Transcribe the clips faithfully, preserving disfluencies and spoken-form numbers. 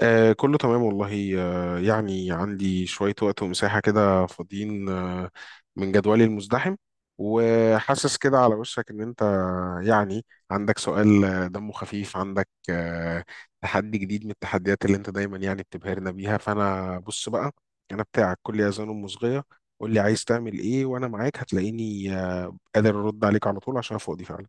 آه كله تمام والله، آه يعني عندي شوية وقت ومساحة كده فاضيين آه من جدولي المزدحم، وحاسس كده على وشك إن أنت يعني عندك سؤال، آه، دمه خفيف. عندك آه تحدي جديد من التحديات اللي أنت دايما يعني بتبهرنا بيها. فأنا بص بقى، أنا بتاعك كل أذان ومصغية. قول لي عايز تعمل إيه وأنا معاك، هتلاقيني آه، قادر أرد عليك على طول عشان أنا فاضي فعلا.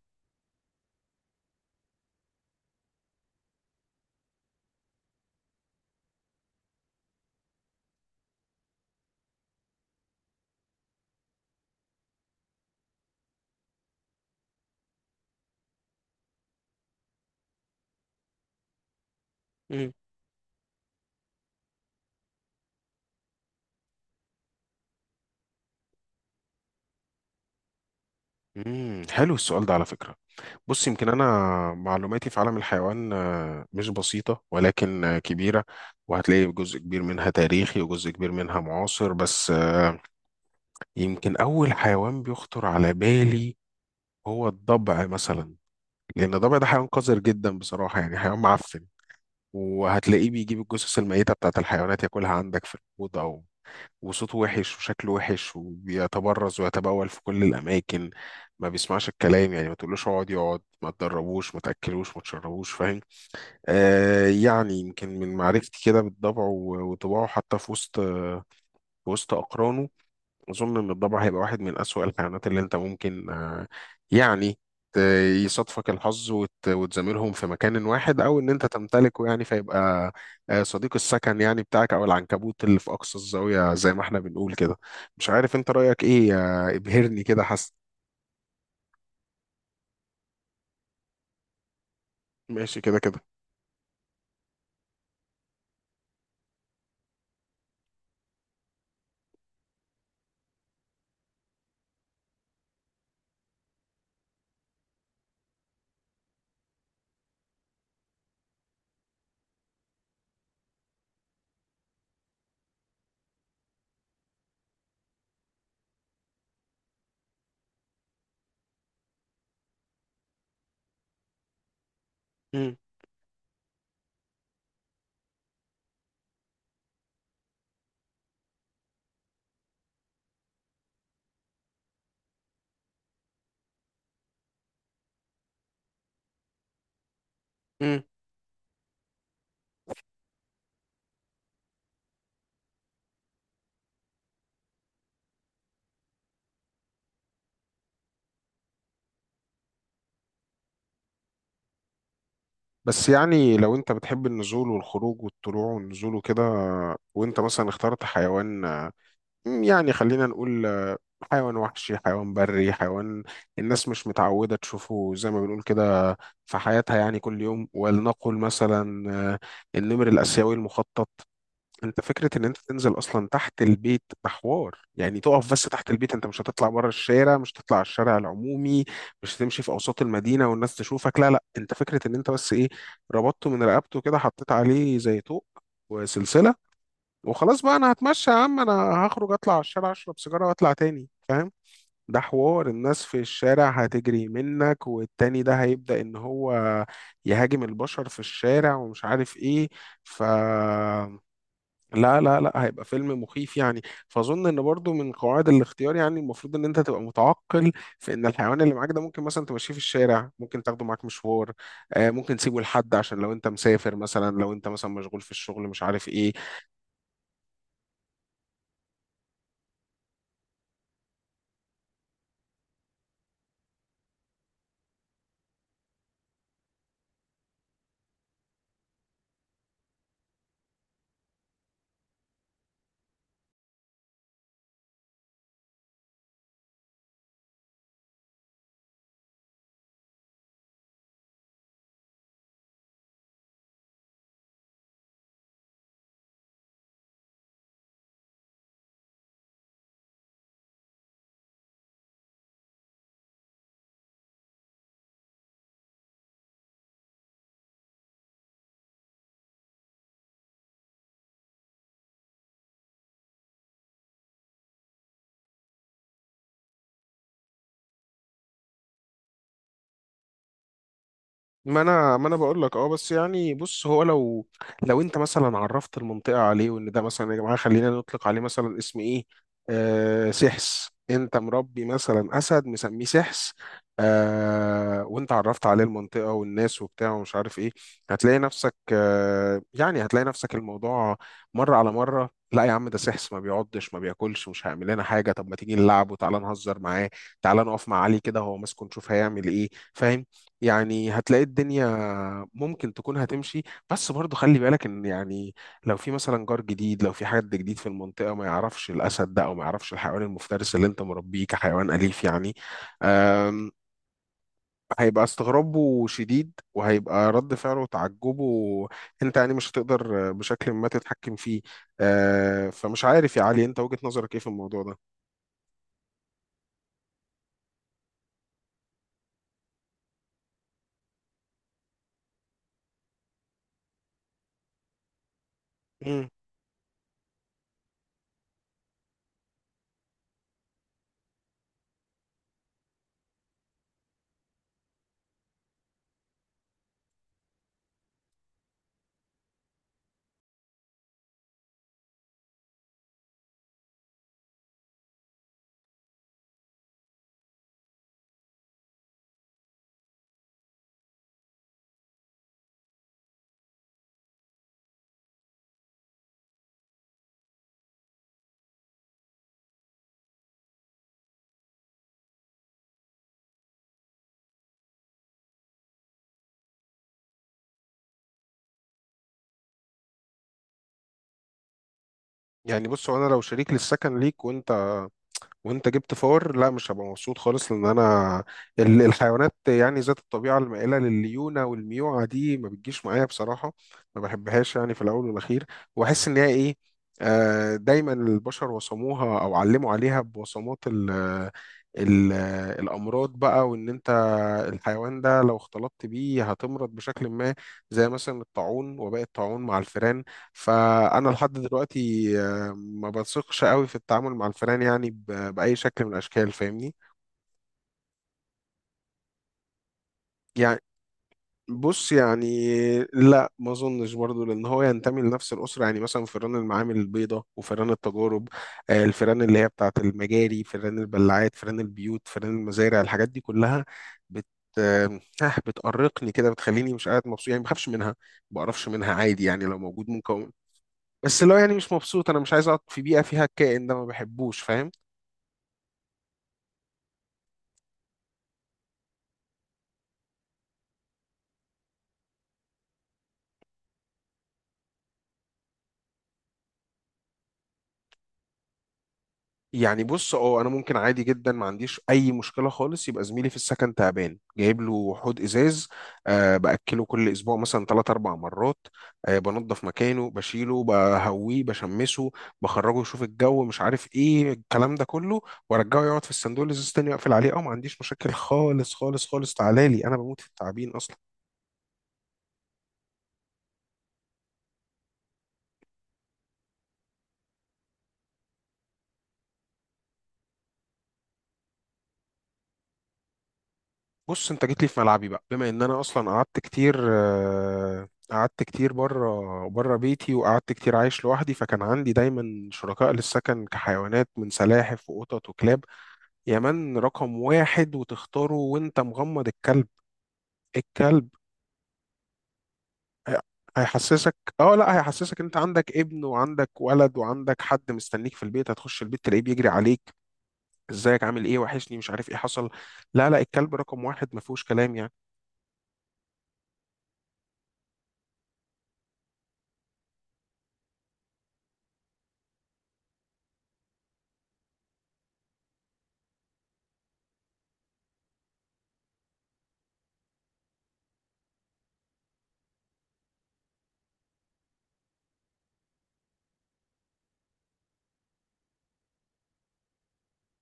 مم. مم، حلو السؤال ده على فكرة. بص، يمكن أنا معلوماتي في عالم الحيوان آه، مش بسيطة، ولكن آه، كبيرة. وهتلاقي جزء كبير منها تاريخي وجزء كبير منها معاصر، بس آه، يمكن أول حيوان بيخطر على بالي هو الضبع مثلا. لأن الضبع ده حيوان قذر جدا بصراحة، يعني حيوان معفن، وهتلاقيه بيجيب الجثث الميتة بتاعت الحيوانات ياكلها عندك في الأوضة، أو وصوته وحش وشكله وحش وبيتبرز ويتبول في كل الأماكن، ما بيسمعش الكلام. يعني ما تقولوش اقعد يقعد، ما تدربوش، ما تأكلوش، ما تشربوش. فاهم؟ آه يعني يمكن من معرفتي كده بالطبع و- وطباعه، حتى في وسط في وسط أقرانه، أظن إن الضبع هيبقى واحد من أسوأ الكائنات اللي أنت ممكن آه، يعني ت- يصادفك الحظ وت- وتزاملهم في مكان واحد، أو إن أنت تمتلكه، يعني فيبقى آه، صديق السكن يعني بتاعك، أو العنكبوت اللي في أقصى الزاوية زي ما إحنا بنقول كده. مش عارف أنت رأيك إيه، آه، ابهرني كده حسن. ماشي كده كده. مم. مم. بس يعني لو أنت بتحب النزول والخروج والطلوع والنزول وكده، وأنت مثلا اخترت حيوان، آه، يعني خلينا نقول حيوان وحشي، حيوان بري، حيوان الناس مش متعودة تشوفه زي ما بنقول كده في حياتها، يعني كل يوم، ولنقل مثلا آه، النمر الآسيوي المخطط. انت فكرة ان انت تنزل اصلا تحت البيت ده حوار. يعني تقف بس تحت البيت، انت مش هتطلع بره الشارع، مش هتطلع على الشارع العمومي، مش هتمشي في اوساط المدينة والناس تشوفك. لا لا، انت فكرة ان انت بس ايه، ربطته من رقبته كده، حطيت عليه زي طوق وسلسلة، وخلاص بقى انا هتمشى يا عم، انا هخرج اطلع على الشارع اشرب سيجارة واطلع تاني. فاهم؟ ده حوار الناس في الشارع هتجري منك، والتاني ده هيبدأ ان هو يهاجم البشر في الشارع ومش عارف ايه. ف لا لا لا، هيبقى فيلم مخيف يعني. فاظن ان برضو من قواعد الاختيار يعني المفروض ان انت تبقى متعقل في ان الحيوان اللي معاك ده، ممكن مثلا تمشيه في الشارع، ممكن تاخده معاك مشوار، آه، ممكن تسيبه لحد عشان لو انت مسافر مثلا، لو انت مثلا مشغول في الشغل مش عارف ايه. ما انا ما انا بقول لك اه، بس يعني بص، هو لو لو انت مثلا عرفت المنطقه عليه وان ده مثلا، يا جماعه خلينا نطلق عليه مثلا اسم ايه، آه سحس. انت مربي مثلا اسد مسميه سحس، آه، وانت عرفت عليه المنطقه والناس وبتاع ومش عارف ايه، هتلاقي نفسك آه يعني هتلاقي نفسك الموضوع مره على مره. لا يا عم، ده سحس، ما بيعضش، ما بياكلش، مش هيعمل لنا حاجه. طب ما تيجي نلعب، وتعالى نهزر معاه، تعالى نقف مع علي كده هو ماسكه نشوف هيعمل ايه. فاهم؟ يعني هتلاقي الدنيا ممكن تكون هتمشي، بس برضو خلي بالك ان يعني لو في مثلا جار جديد، لو في حد جديد في المنطقة ما يعرفش الاسد ده، او ما يعرفش الحيوان المفترس اللي انت مربيه كحيوان اليف يعني، أم، هيبقى استغرابه شديد وهيبقى رد فعله وتعجبه، انت يعني مش هتقدر بشكل ما تتحكم فيه. أه، فمش عارف يا علي انت وجهة نظرك ايه في الموضوع ده. مم. يعني بص، هو انا لو شريك للسكن ليك، وانت وانت جبت فار، لا مش هبقى مبسوط خالص، لان انا ال- الحيوانات يعني ذات الطبيعه المائله لليونه والميوعه دي ما بتجيش معايا بصراحه، ما بحبهاش يعني في الاول والاخير. واحس ان هي ايه، آه، دايما البشر وصموها او علموا عليها بوصمات ال ال الامراض بقى، وان انت الحيوان ده لو اختلطت بيه هتمرض بشكل ما، زي مثلا الطاعون وباقي الطاعون مع الفئران. فانا لحد دلوقتي آه، ما بثقش قوي في التعامل مع الفئران يعني ب- باي شكل من الاشكال. فاهمني؟ يعني بص يعني، لا ما اظنش برضه، لان هو ينتمي لنفس الاسره. يعني مثلا فئران المعامل البيضاء وفئران التجارب، آه، الفئران اللي هي بتاعه المجاري، فئران البلاعات، فئران البيوت، فئران المزارع، الحاجات دي كلها بت آه، آه، بتأرقني كده، بتخليني مش قاعد مبسوط يعني. ما بخافش منها، ما بقرفش منها عادي، يعني لو موجود ممكن أقوم. بس لو يعني مش مبسوط، انا مش عايز اقعد في بيئه فيها الكائن ده، ما بحبوش. فاهم؟ يعني بص اه، انا ممكن عادي جدا ما عنديش اي مشكله خالص، يبقى زميلي في السكن تعبان جايب له حوض ازاز، أه باكله كل اسبوع مثلا ثلاث اربع مرات، أه بنظف مكانه، بشيله، بهويه، بشمسه، بخرجه يشوف الجو مش عارف ايه الكلام ده كله، وارجعه يقعد في الصندوق الازاز تاني واقفل عليه. اه ما عنديش مشاكل خالص خالص خالص، تعالى لي، انا بموت في التعبين اصلا. بص انت جيت لي في ملعبي بقى، بما ان انا اصلا قعدت كتير، آه، قعدت كتير بره بره بيتي، وقعدت كتير عايش لوحدي، فكان عندي دايما شركاء للسكن كحيوانات من سلاحف وقطط وكلاب. يا من رقم واحد وتختاره وانت مغمض، الكلب. الكلب هي- هيحسسك اه لا هيحسسك انت عندك ابن وعندك ولد وعندك حد مستنيك في البيت، هتخش البيت تلاقيه بيجري عليك ازيك عامل ايه وحشني مش عارف ايه حصل. لا لا، الكلب رقم واحد ما فيهوش كلام يعني.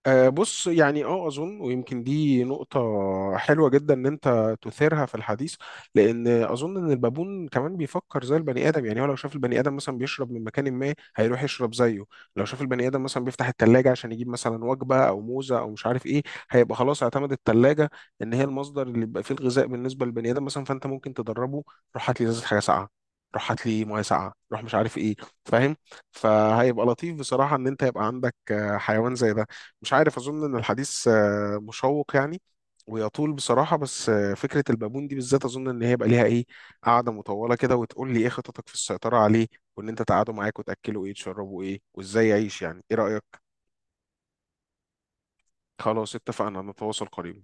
آه، بص يعني اه، اظن ويمكن دي نقطة حلوة جدا ان انت تثيرها في الحديث، لان اظن ان البابون كمان بيفكر زي البني ادم. يعني هو لو شاف البني ادم مثلا بيشرب من مكان، ما هيروح يشرب زيه، لو شاف البني ادم مثلا بيفتح التلاجة عشان يجيب مثلا وجبة او موزة او مش عارف ايه، هيبقى خلاص اعتمد التلاجة ان هي المصدر اللي بيبقى فيه الغذاء بالنسبة للبني ادم مثلا. فانت ممكن تدربه، روح هات لي ازازة حاجة ساقعة، روح هات لي ميه ساقعه، روح مش عارف ايه. فاهم؟ فهيبقى لطيف بصراحه ان انت يبقى عندك آه، حيوان زي ده. مش عارف، اظن ان الحديث آه، مشوق يعني، ويطول بصراحه، بس آه، فكره البابون دي بالذات اظن ان هي يبقى ليها ايه، قاعده مطوله كده، وتقول لي ايه خططك في السيطره عليه، وان انت تقعدوا معاك وتاكلوا ايه تشربوا ايه وازاي يعيش، يعني ايه رايك؟ خلاص اتفقنا، نتواصل قريبا.